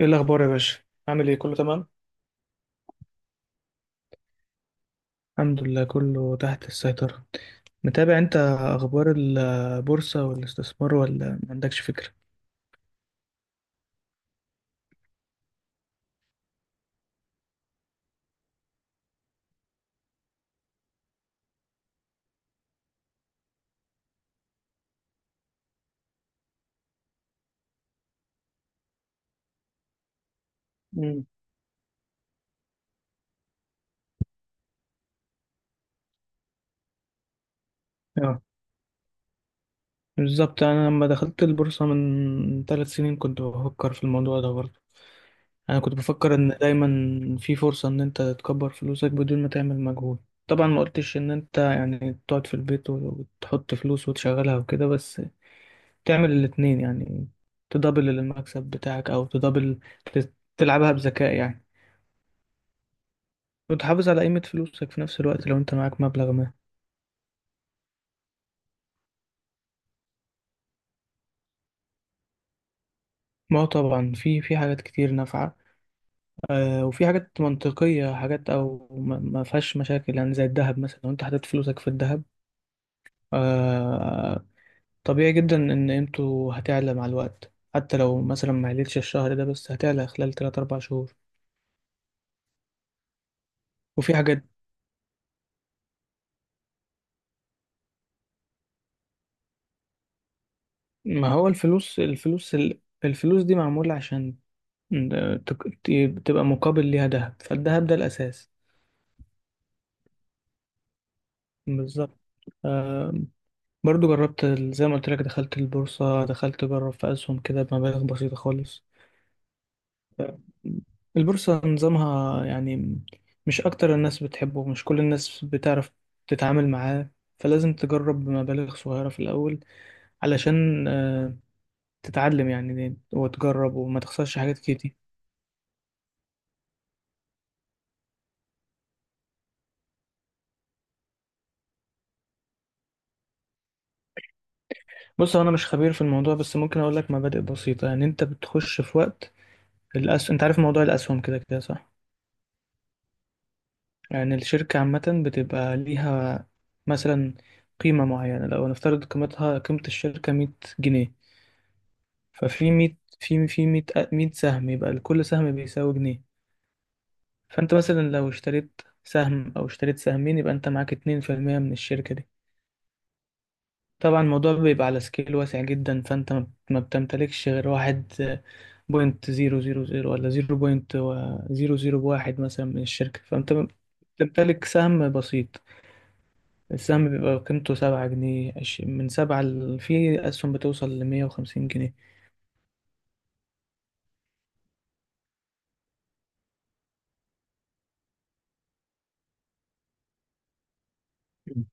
ايه الاخبار يا باشا؟ عامل ايه؟ كله تمام؟ الحمد لله، كله تحت السيطرة. متابع انت اخبار البورصة والاستثمار ولا ما عندكش فكرة؟ مم. اه، بالظبط. انا لما دخلت البورصة من ثلاث سنين كنت بفكر في الموضوع ده برضه. انا كنت بفكر ان دايما في فرصة ان انت تكبر فلوسك بدون ما تعمل مجهود. طبعا ما قلتش ان انت يعني تقعد في البيت وتحط فلوس وتشغلها وكده، بس تعمل الاتنين يعني. تدبل المكسب بتاعك او تدبل، تلعبها بذكاء يعني. وتحافظ على قيمة فلوسك في نفس الوقت لو انت معاك مبلغ ما. ما هو طبعا في حاجات كتير نافعة. آه، وفي حاجات منطقية، حاجات او ما فيهاش مشاكل يعني، زي الذهب مثلا. لو انت حطيت فلوسك في الذهب، آه، طبيعي جدا ان قيمته هتعلى مع الوقت، حتى لو مثلا ما عليتش الشهر ده، بس هتعلى خلال 3 4 شهور. وفي حاجات، ما هو الفلوس دي معمولة عشان إن تبقى مقابل ليها دهب، فالدهب ده الأساس. بالظبط. آم، برضو جربت زي ما قلت لك، دخلت البورصة، دخلت أجرب في أسهم كده بمبالغ بسيطة خالص. آم، البورصة نظامها يعني مش أكتر الناس بتحبه، مش كل الناس بتعرف تتعامل معاه، فلازم تجرب بمبالغ صغيرة في الأول، علشان تتعلم يعني وتجرب وما تخسرش حاجات كتير. بص، هو أنا مش خبير في الموضوع، بس ممكن أقول لك مبادئ بسيطة. يعني أنت بتخش في وقت أنت عارف موضوع الأسهم كده كده صح؟ يعني الشركة عامة بتبقى ليها مثلا قيمة معينة. لو نفترض قيمتها، قيمة الشركة، مية جنيه، ففي مية، في مية، مية سهم، يبقى لكل سهم بيساوي جنيه. فأنت مثلا لو اشتريت سهم أو اشتريت سهمين، يبقى أنت معاك اتنين في المية من الشركة دي. طبعا الموضوع بيبقى على سكيل واسع جدا، فانت ما بتمتلكش غير واحد بوينت زيرو زيرو زيرو، ولا زيرو بوينت زيرو زيرو واحد مثلا من الشركة، فانت بتمتلك سهم بسيط. السهم بيبقى قيمته سبعة جنيه، من سبعة في أسهم بتوصل لمية وخمسين جنيه. مم.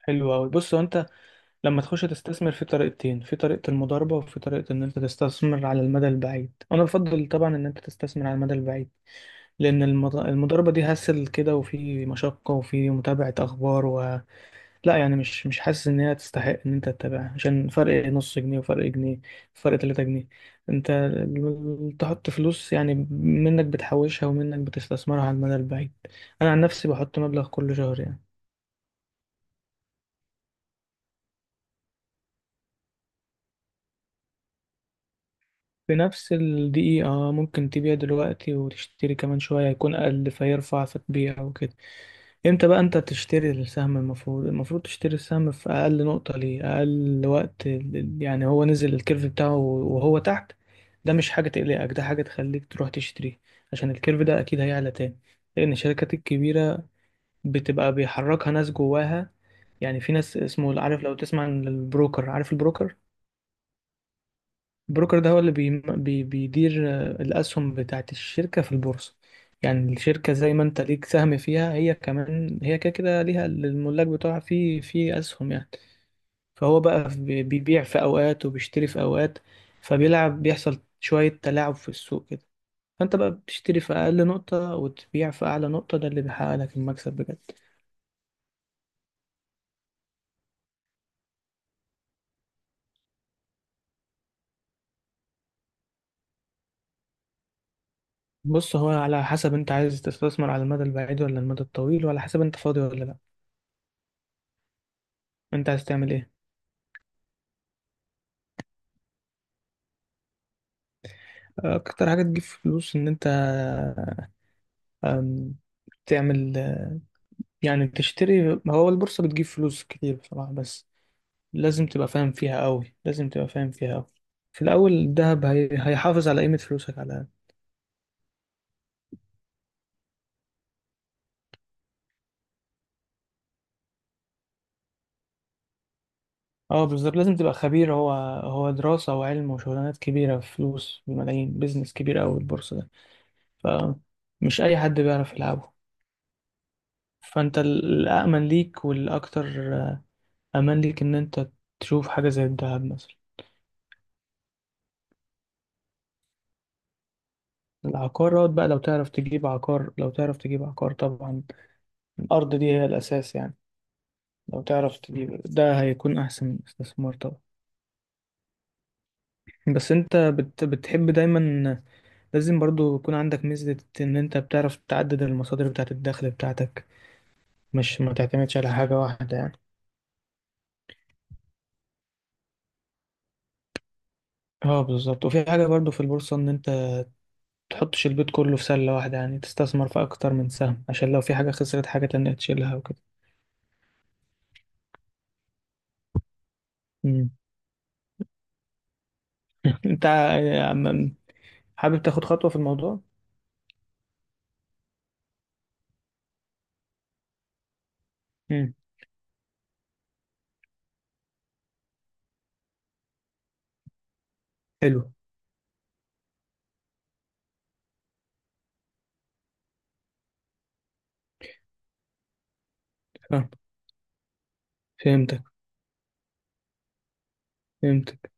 حلو أوي. بص، هو أنت لما تخش تستثمر، في طريقتين، في طريقة المضاربة وفي طريقة إن أنت تستثمر على المدى البعيد. أنا بفضل طبعا إن أنت تستثمر على المدى البعيد، لأن المضاربة دي هسل كده، وفي مشقة وفي متابعة أخبار لا يعني مش حاسس إن هي تستحق إن أنت تتابعها عشان فرق نص جنيه وفرق جنيه، فرق تلاتة جنيه. أنت تحط فلوس، يعني منك بتحوشها ومنك بتستثمرها على المدى البعيد. أنا عن نفسي بحط مبلغ كل شهر يعني. في نفس الدقيقة، ممكن تبيع دلوقتي وتشتري كمان شوية، هيكون أقل فيرفع فتبيع وكده. امتى بقى انت تشتري السهم؟ المفروض تشتري السهم في أقل نقطة ليه، أقل وقت يعني هو نزل الكيرف بتاعه وهو تحت. ده مش حاجة تقلقك، ده حاجة تخليك تروح تشتريه، عشان الكيرف ده أكيد هيعلى تاني. لأن الشركات الكبيرة بتبقى بيحركها ناس جواها، يعني في ناس اسمه، عارف لو تسمع عن البروكر، عارف البروكر؟ البروكر ده هو اللي بي بي بيدير، الأسهم بتاعت الشركة في البورصة. يعني الشركة زي ما أنت ليك سهم فيها، هي كمان هي كده كده ليها الملاك بتوعها في أسهم يعني. فهو بقى بيبيع في أوقات وبيشتري في أوقات، فبيلعب، بيحصل شوية تلاعب في السوق كده. فأنت بقى بتشتري في أقل نقطة وتبيع في أعلى نقطة، ده اللي بيحقق لك المكسب بجد. بص، هو على حسب أنت عايز تستثمر على المدى البعيد ولا المدى الطويل، وعلى حسب أنت فاضي ولا لأ. أنت عايز تعمل إيه؟ اكتر حاجه تجيب فلوس؟ ان انت، أم، تعمل، يعني تشتري، هو البورصه بتجيب فلوس كتير بصراحه، بس لازم تبقى فاهم فيها قوي، لازم تبقى فاهم فيها قوي. في الاول الذهب هيحافظ على قيمه فلوسك على الأقل. اه، بالظبط، لازم تبقى خبير. هو هو دراسه وعلم وشغلانات كبيره، فلوس بملايين، بيزنس كبير قوي البورصه ده، فمش اي حد بيعرف يلعبه. فانت الامن ليك والاكتر، امان ليك، ان انت تشوف حاجه زي الذهب مثلا. العقارات بقى لو تعرف تجيب عقار، لو تعرف تجيب عقار طبعا، الأرض دي هي الأساس يعني، لو تعرف تجيب ده، هيكون أحسن استثمار طبعا. بس أنت بتحب دايما، لازم برضو يكون عندك ميزة إن أنت بتعرف تعدد المصادر بتاعة الدخل بتاعتك، مش ما تعتمدش على حاجة واحدة يعني. اه، بالظبط. وفي حاجة برضو في البورصة، إن أنت تحطش البيت كله في سلة واحدة، يعني تستثمر في أكتر من سهم، عشان لو في حاجة خسرت، حاجة تانية تشيلها وكده. مم. أنت حابب تاخد خطوة في الموضوع؟ حلو. فاهم- فهمتك، فهمتك.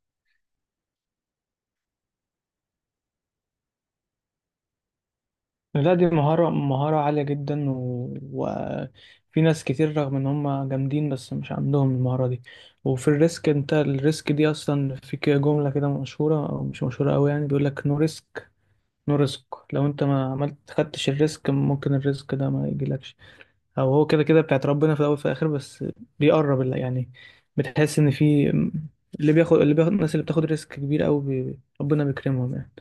لا، دي مهارة عالية جدا وفي ناس كتير رغم ان هم جامدين، بس مش عندهم المهارة دي. وفي الريسك، انت الريسك دي اصلا، في كده جملة كده مشهورة او مش مشهورة قوي يعني، بيقول لك نو ريسك، نو ريسك. لو انت ما عملت خدتش الريسك، ممكن الريسك ده ما يجيلكش. او هو كده كده بتاعت ربنا، في الاول وفي الاخر، بس بيقرب، اللي يعني، بتحس ان في، اللي بياخد اللي بياخد الناس اللي بتاخد ريسك كبير قوي، ربنا بيكرمهم يعني.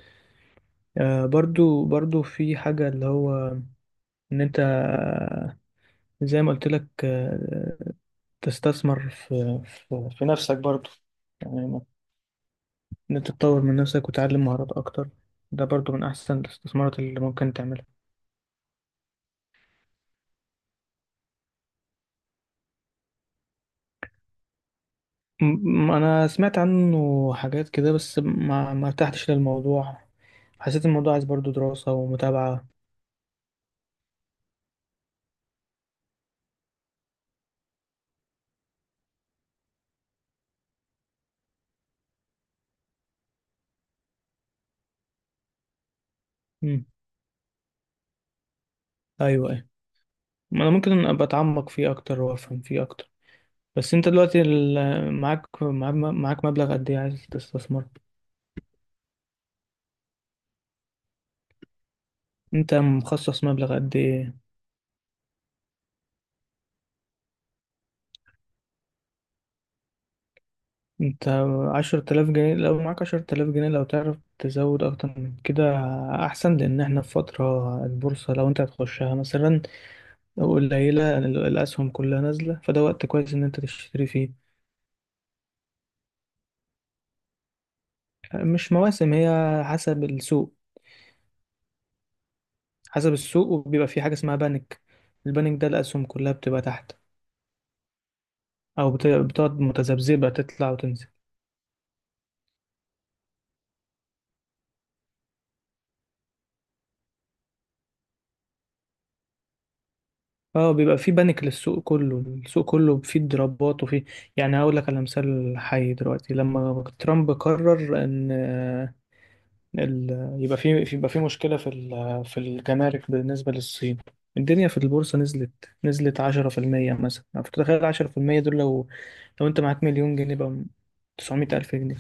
برضو في حاجة، اللي هو إن أنت، زي ما قلت لك، تستثمر في نفسك برضو يعني. إن أنت تطور من نفسك وتعلم مهارات أكتر، ده برضو من أحسن الاستثمارات اللي ممكن تعملها. أنا سمعت عنه حاجات كده، بس ما ارتحتش للموضوع، حسيت الموضوع عايز برضو دراسة ومتابعة. مم. أيوة، أيوة. أنا ممكن أبقى أتعمق فيه أكتر وأفهم فيه أكتر. بس انت دلوقتي معاك مبلغ قد ايه عايز تستثمر؟ انت مخصص مبلغ قد ايه؟ انت عشرة آلاف جنيه، لو معاك عشرة آلاف جنيه، لو تعرف تزود اكتر من كده احسن، لان احنا في فترة البورصة، لو انت هتخشها مثلا قليلة، الاسهم كلها نازلة، فده وقت كويس ان انت تشتري فيه. مش مواسم، هي حسب السوق، حسب السوق. وبيبقى في حاجة اسمها بانك، البانك ده الاسهم كلها بتبقى تحت، او بتقعد متذبذبة، تطلع وتنزل. اه، بيبقى في بانيك للسوق كله، السوق كله فيه ضربات وفيه، يعني هقول لك على مثال حي دلوقتي، لما ترامب قرر ان ال... يبقى في، مشكلة في في الجمارك بالنسبة للصين، الدنيا في البورصة نزلت، 10% مثلا، فتخيل 10% دول، لو انت معاك مليون جنيه بقى، 900 ألف جنيه،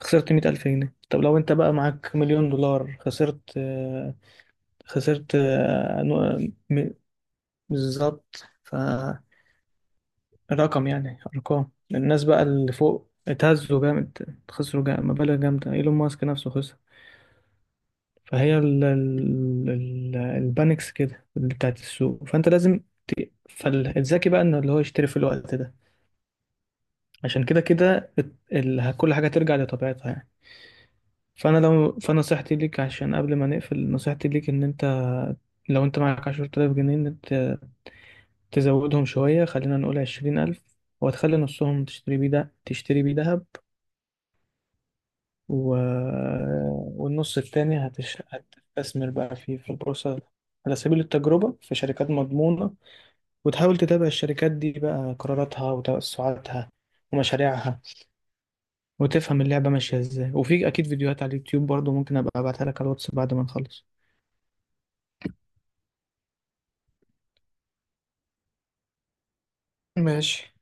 خسرت 100 ألف جنيه. طب لو انت بقى معاك مليون دولار، خسرت، خسرت، م- بالظبط. ف رقم يعني، ارقام، الناس بقى اللي فوق اتهزوا جامد، خسروا جامد مبالغ جامده، ايلون ماسك نفسه خسر. فهي ال البانكس كده اللي بتاعت السوق، فانت لازم، فالذكي بقى انه اللي هو يشتري في الوقت ده، عشان كده كده كل حاجه ترجع لطبيعتها يعني. فانا لو فنصيحتي ليك، عشان قبل ما نقفل، نصيحتي ليك ان انت، لو انت معاك 10000 جنيه، ان انت تزودهم شويه، خلينا نقول 20000، وتخلي نصهم تشتري بيه، دهب، و... والنص التاني هتستثمر بقى فيه في البورصة على سبيل التجربة في شركات مضمونة، وتحاول تتابع الشركات دي بقى، قراراتها وتوسعاتها ومشاريعها، وتفهم اللعبة ماشية ازاي. وفي أكيد فيديوهات على اليوتيوب برضو، ممكن أبقى أبعتها لك على الواتس بعد ما نخلص. ماشي.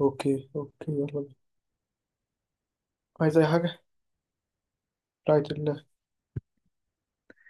اوكي، اوكي، يلا بينا. عايز اي حاجة؟ رايت الله.